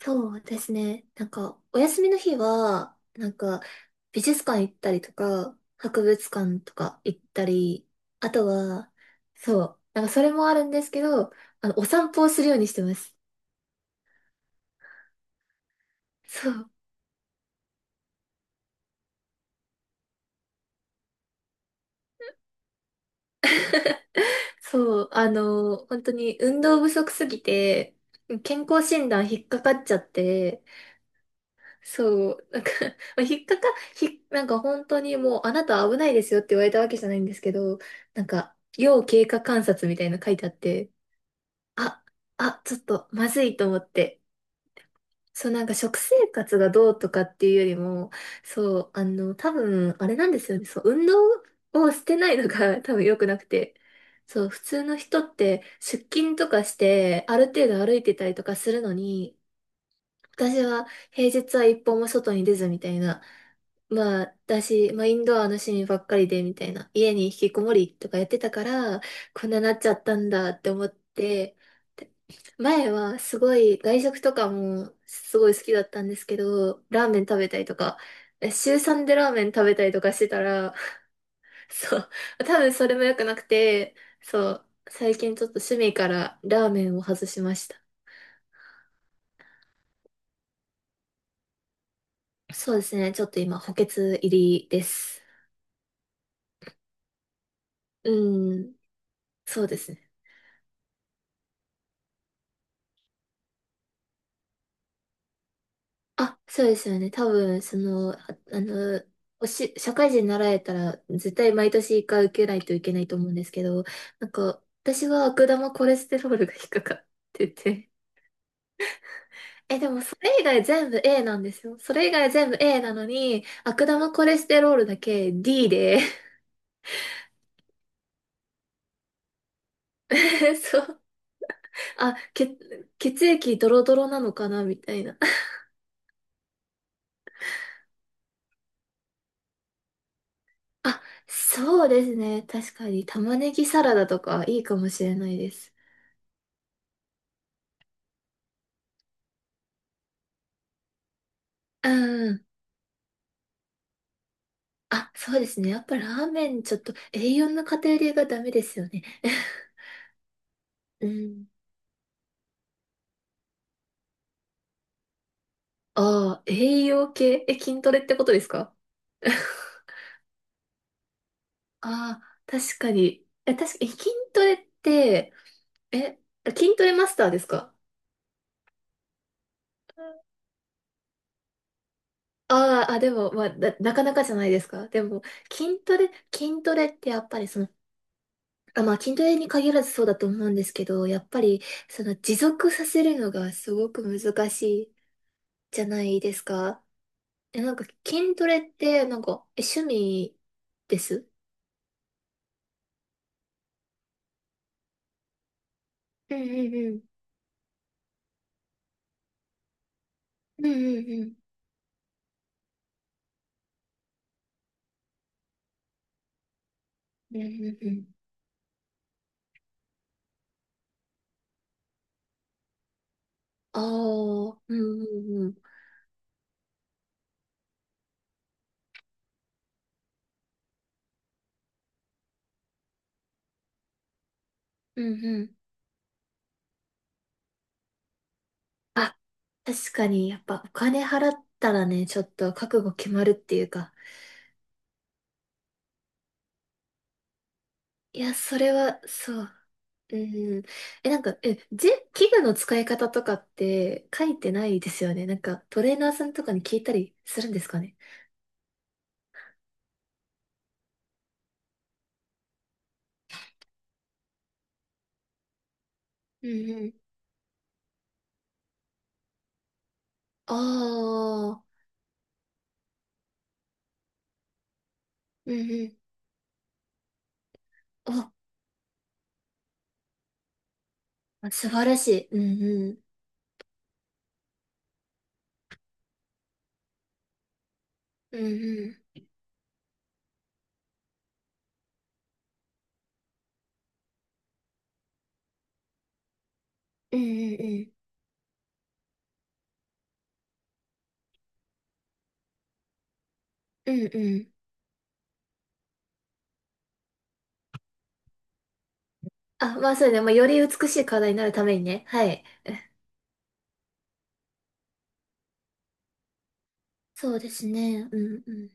そうですね。なんか、お休みの日は、なんか、美術館行ったりとか、博物館とか行ったり、あとは、そう、なんかそれもあるんですけど、お散歩をするようにしてます。そう、そう、本当に運動不足すぎて、健康診断引っかかっちゃって、そう、なんか まあ、引っかか、ひ、なんか本当にもう、あなたは危ないですよって言われたわけじゃないんですけど、なんか、要経過観察みたいなの書いてあって、あ、あ、ちょっとまずいと思って、そうなんか食生活がどうとかっていうよりも、そう、多分、あれなんですよね。そう、運動をしてないのが 多分良くなくて、そう、普通の人って出勤とかして、ある程度歩いてたりとかするのに、私は平日は一歩も外に出ずみたいな。まあ、だし、まあ、インドアの趣味ばっかりで、みたいな。家に引きこもりとかやってたから、こんななっちゃったんだって思って、で前はすごい外食とかもすごい好きだったんですけど、ラーメン食べたりとか、週3でラーメン食べたりとかしてたら、そう、多分それも良くなくて、そう、最近ちょっと趣味からラーメンを外しました。そうですね、ちょっと今補欠入りです。うん、そうですね。あ、そうですよね。多分、その、あの、社会人になられたら、絶対毎年一回受けないといけないと思うんですけど、なんか、私は悪玉コレステロールが引っかかってて、え、でもそれ以外全部 A なんですよ。それ以外全部 A なのに、悪玉コレステロールだけ D で、そう、あ、血液ドロドロなのかな、みたいな。あ、そうですね。確かに玉ねぎサラダとかいいかもしれないです。うん。あ、そうですね。やっぱラーメンちょっと栄養の偏りがダメですよね。うん。ああ、栄養系、え、筋トレってことですか？ ああ、確かに。え、確かに、え筋トレって、え、筋トレマスターですか？あーあ、でも、まあ、なかなかじゃないですか。でも、筋トレってやっぱりその、あ、まあ、筋トレに限らずそうだと思うんですけど、やっぱり、その、持続させるのがすごく難しいじゃないですか。え、なんか筋トレって、なんか、え、趣味です？うんうんうん。うんうんうん。うんうんうん。ああ、うんうんうん。うんうん。あ、確かに、やっぱお金払ったらね、ちょっと覚悟決まるっていうか。いや、それは、そう。うんうん。え、なんか、え、器具の使い方とかって書いてないですよね。なんか、トレーナーさんとかに聞いたりするんですかね。うんうん。ああ、うんうん。ああ素晴らしい。うんうん。うんうん。うんうんうん。うんうん。あ、まあそうね。まあ、より美しい体になるためにね。はい。そうですね。うんうん。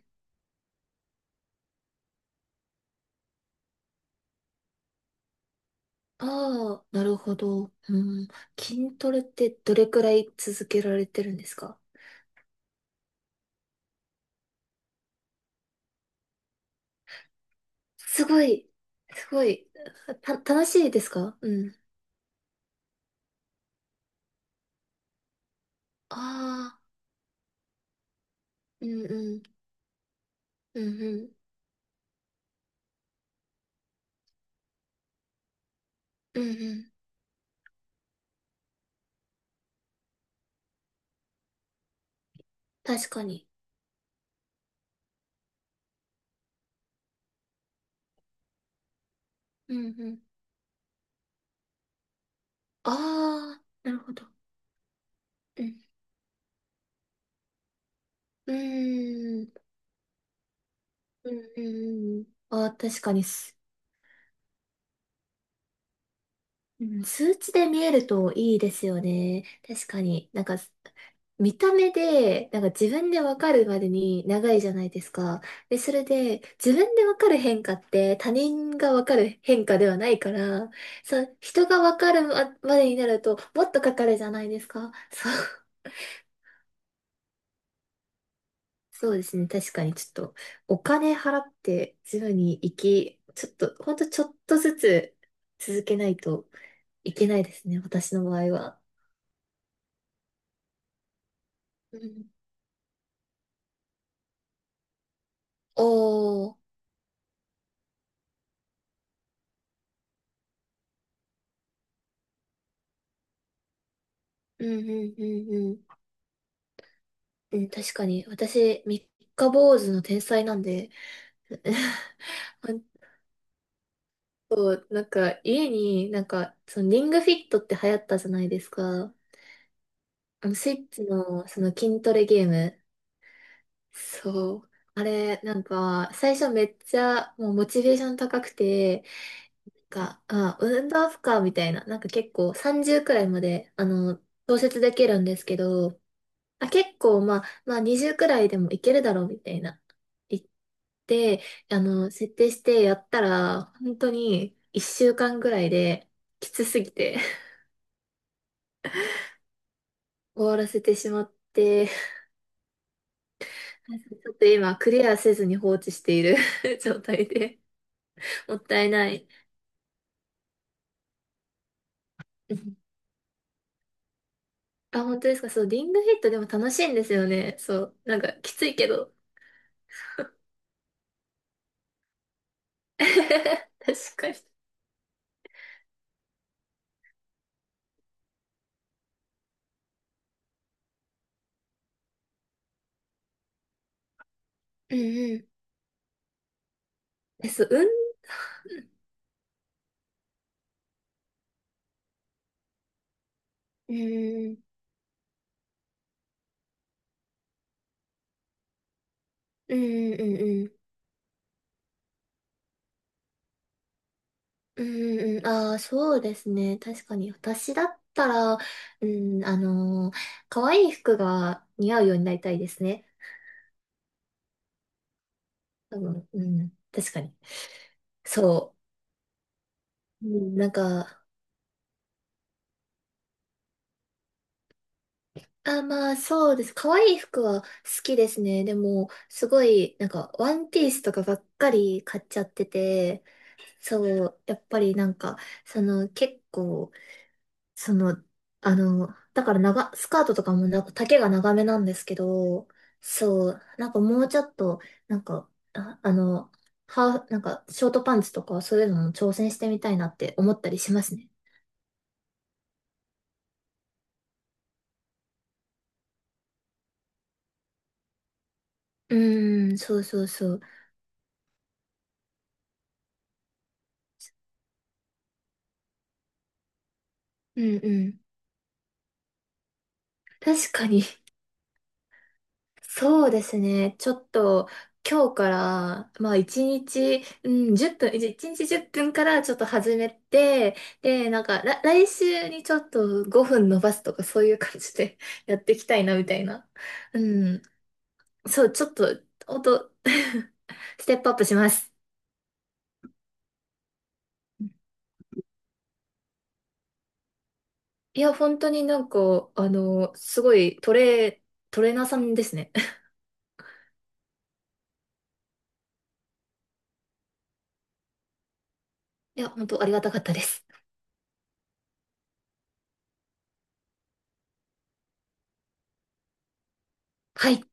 ああ、なるほど。うん。筋トレってどれくらい続けられてるんですか？すごい。すごい。楽しいですか？うん。ああ、うんうん。うんうん。うんうん。確かに。うんうん。ああ、なるほど。うん。うーん。うんうんうん。あ、確かに、うん、数値で見えるといいですよね。確かに。なんか、見た目で、なんか自分でわかるまでに長いじゃないですか。で、それで、自分でわかる変化って他人がわかる変化ではないから、そう、人がわかるままでになると、もっとかかるじゃないですか。そう、そうですね。確かにちょっと、お金払って、ジムに行き、ちょっと、ほんとちょっとずつ続けないと、いけないですね、私の場合は。うん。おー、うんうんうんうん。うん、確かに。私、三日坊主の天才なんで、あと、なんか、家に、なんか、そのリングフィットって流行ったじゃないですか。スイッチの、その筋トレゲーム。そう。あれ、なんか、最初めっちゃ、もうモチベーション高くて、が、あ、運動負荷みたいな、なんか結構30くらいまで、調節できるんですけど、あ、結構、まあ、まあ、20くらいでもいけるだろうみたいな、言って、設定してやったら、本当に1週間くらいで、きつすぎて 終わらせてしまって、ちょっと今、クリアせずに放置している 状態で、もったいない。うん。あ、本当ですか？そう、リングフィットでも楽しいんですよね。そう、なんか、きついけど。確かに。うんうん。え、そう、運うんうんうんうんうんうんうんうん、ああ、そうですね。確かに。私だったら、うん、可愛い服が似合うようになりたいですね。多分、うん、確かに。そう。うん、なんか、あ、まあ、そうです。可愛い服は好きですね。でも、すごい、なんか、ワンピースとかばっかり買っちゃってて、そう、やっぱりなんか、その、結構、その、だからスカートとかもなんか丈が長めなんですけど、そう、なんかもうちょっと、なんか、あ、ハーフ、なんか、ショートパンツとかそういうのも挑戦してみたいなって思ったりしますね。うーん、そうそうそう。うんうん。確かに。そうですね。ちょっと今日から、まあ一日、うん、1分、一日10分からちょっと始めて、で、なんか、来週にちょっと5分伸ばすとかそういう感じで やっていきたいなみたいな。うん。そう、ちょっと、ほんと ステップアップします。いや、本当になんか、すごいトレーナーさんですね。いや、本当ありがたかったです。はい。